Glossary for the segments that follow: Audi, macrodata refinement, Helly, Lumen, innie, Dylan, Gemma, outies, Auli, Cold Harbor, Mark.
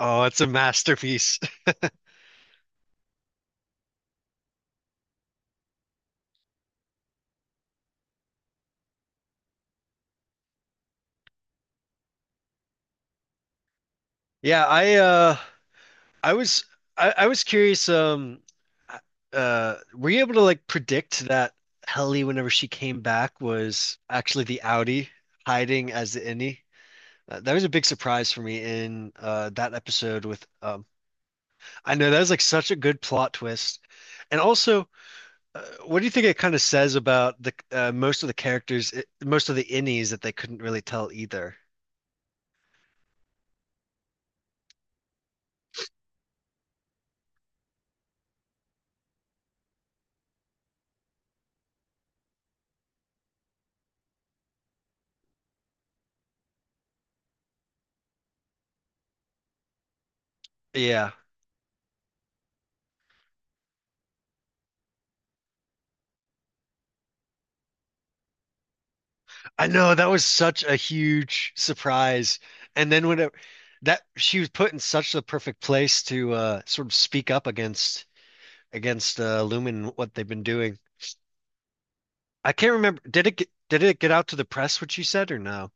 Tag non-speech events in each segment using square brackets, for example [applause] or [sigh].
Oh, it's a masterpiece. [laughs] Yeah, I was I was curious, were you able to like predict that Helly whenever she came back was actually the Audi hiding as the innie? That was a big surprise for me in that episode with. I know that was like such a good plot twist. And also, what do you think it kind of says about the most of the characters, most of the innies that they couldn't really tell either? Yeah. I know that was such a huge surprise. And then when that she was put in such the perfect place to sort of speak up against Lumen and what they've been doing. I can't remember, did it get out to the press what she said or no?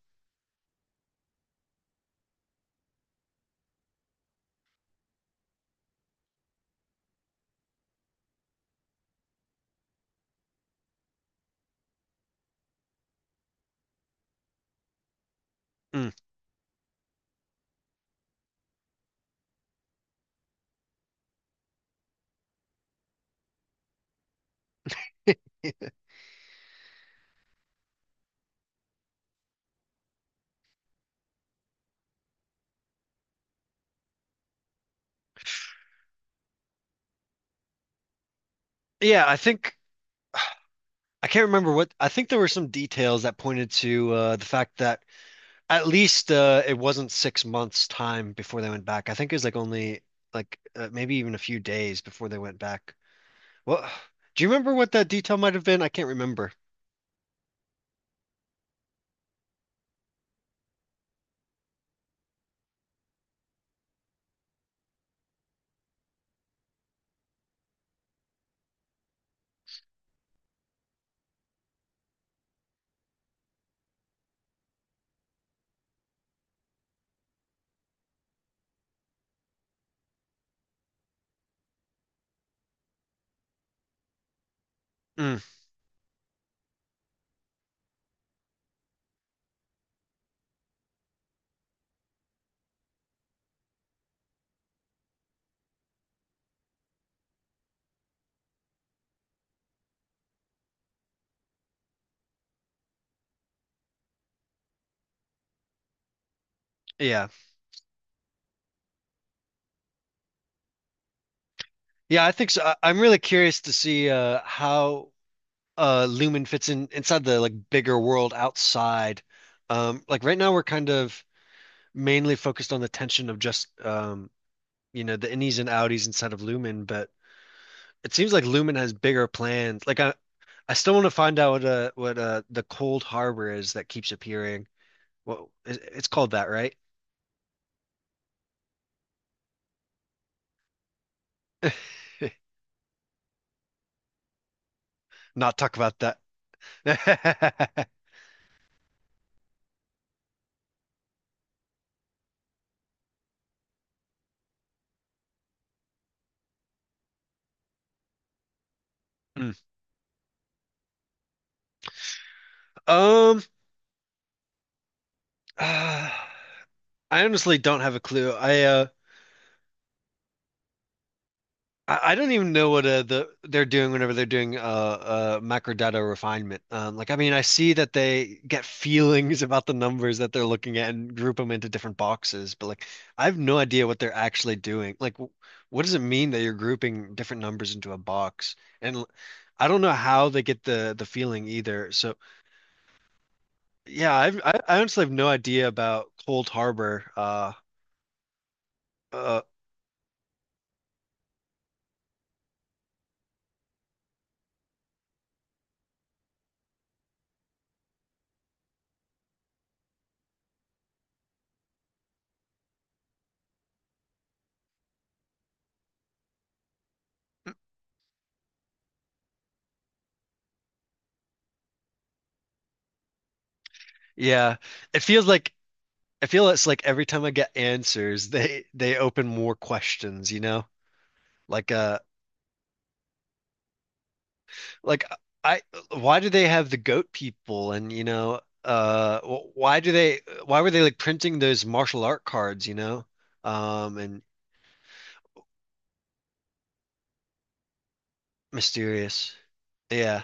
Mm. Yeah, I think I can't remember what I think there were some details that pointed to the fact that at least it wasn't 6 months time before they went back. I think it was like only like maybe even a few days before they went back. Well, do you remember what that detail might have been? I can't remember. Mm, yeah. Yeah, I think so. I'm really curious to see how Lumen fits in inside the like bigger world outside. Like right now we're kind of mainly focused on the tension of just the innies and outies inside of Lumen, but it seems like Lumen has bigger plans. Like I still want to find out what the Cold Harbor is that keeps appearing. Well, it's called that, right? Not talk about that. [laughs] Um, [sighs] uh, I honestly don't have a clue. I don't even know what they're doing whenever they're doing macrodata refinement. Like I mean, I see that they get [laughs] feelings about the numbers that they're looking at and group them into different boxes, but like I have no idea what they're actually doing. Like, what does it mean that you're grouping different numbers into a box? And I don't know how they get the feeling either. So yeah, I honestly have no idea about Cold Harbor. Uh. Yeah. It feels like I feel it's like every time I get answers, they open more questions, you know? Like uh like I why do they have the goat people? And why were they like printing those martial art cards, you know? And mysterious. Yeah.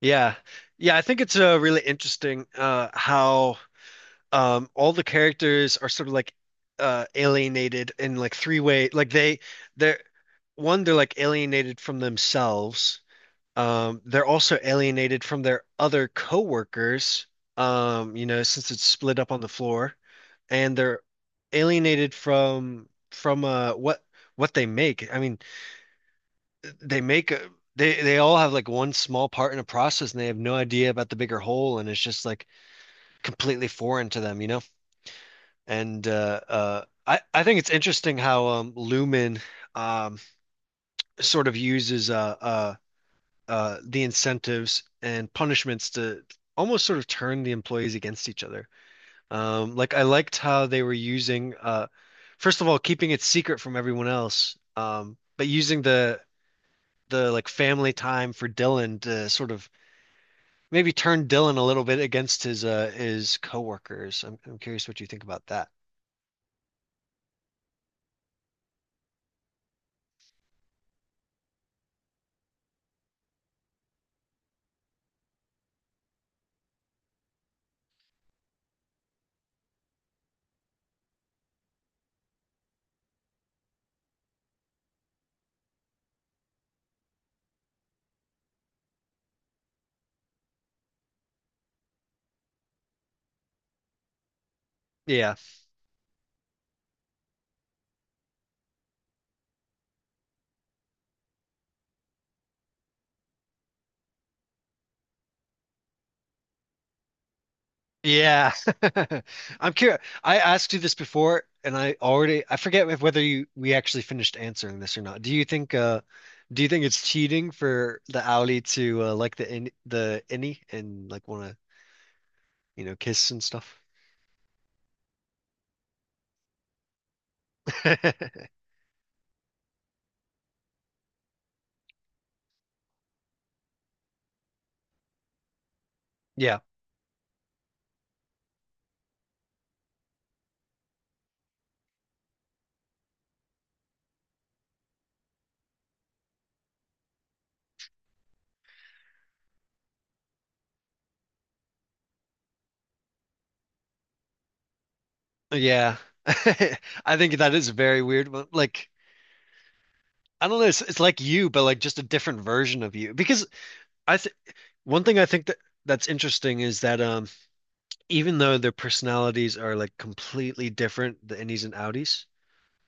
Yeah. Yeah, I think it's really interesting how all the characters are sort of like alienated in like three way, like they're one, they're like alienated from themselves, they're also alienated from their other coworkers, since it's split up on the floor, and they're alienated from what they make. I mean, they make a, they all have like one small part in a process and they have no idea about the bigger whole, and it's just like completely foreign to them. And I think it's interesting how Lumen um, sort of uses the incentives and punishments to almost sort of turn the employees against each other. Like I liked how they were using first of all keeping it secret from everyone else, but using the like family time for Dylan to sort of maybe turn Dylan a little bit against his coworkers. I'm curious what you think about that. Yeah. Yeah. [laughs] I'm curious. I asked you this before and I forget if whether you we actually finished answering this or not. Do you think it's cheating for the Auli to like the innie and like want to kiss and stuff? [laughs] Yeah. Yeah. [laughs] I think that is very weird. But like I don't know, it's like you but like just a different version of you, because I th one thing I think that that's interesting is that even though their personalities are like completely different, the innies and outies,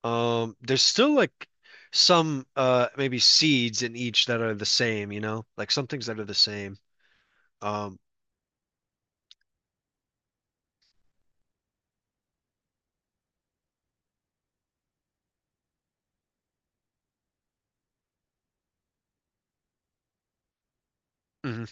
um, there's still like some maybe seeds in each that are the same, you know? Like some things that are the same. Um, mhm.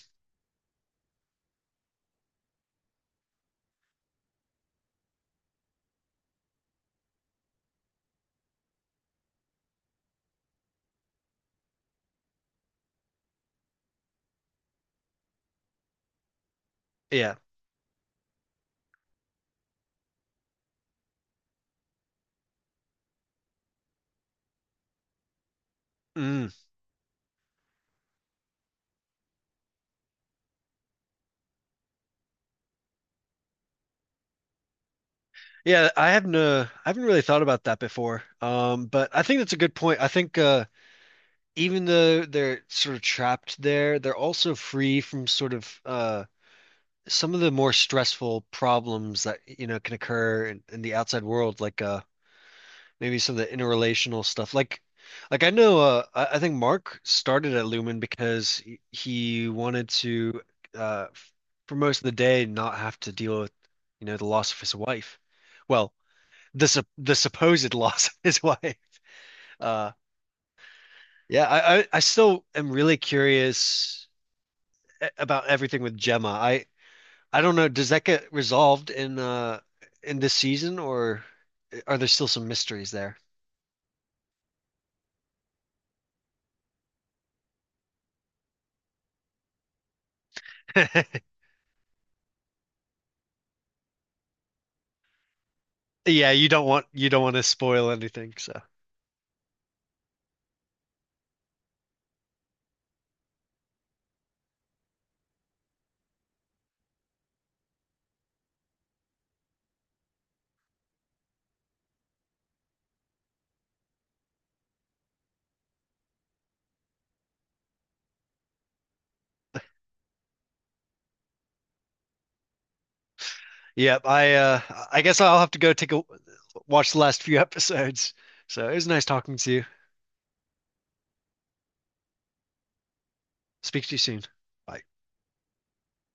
Yeah. Mm. Yeah, I haven't really thought about that before. But I think that's a good point. I think even though they're sort of trapped there, they're also free from sort of some of the more stressful problems that can occur in the outside world, like maybe some of the interrelational stuff. Like, I know, I think Mark started at Lumen because he wanted to, uh, f- for most of the day, not have to deal with, the loss of his wife. Well, the supposed loss [laughs] of his wife. Uh, yeah, I still am really curious about everything with Gemma. I don't know. Does that get resolved in this season, or are there still some mysteries there? [laughs] Yeah, you don't want to spoil anything. So, yeah, I guess I'll have to go take a watch the last few [laughs] episodes. So, it was nice talking to you. Speak to you soon. Bye.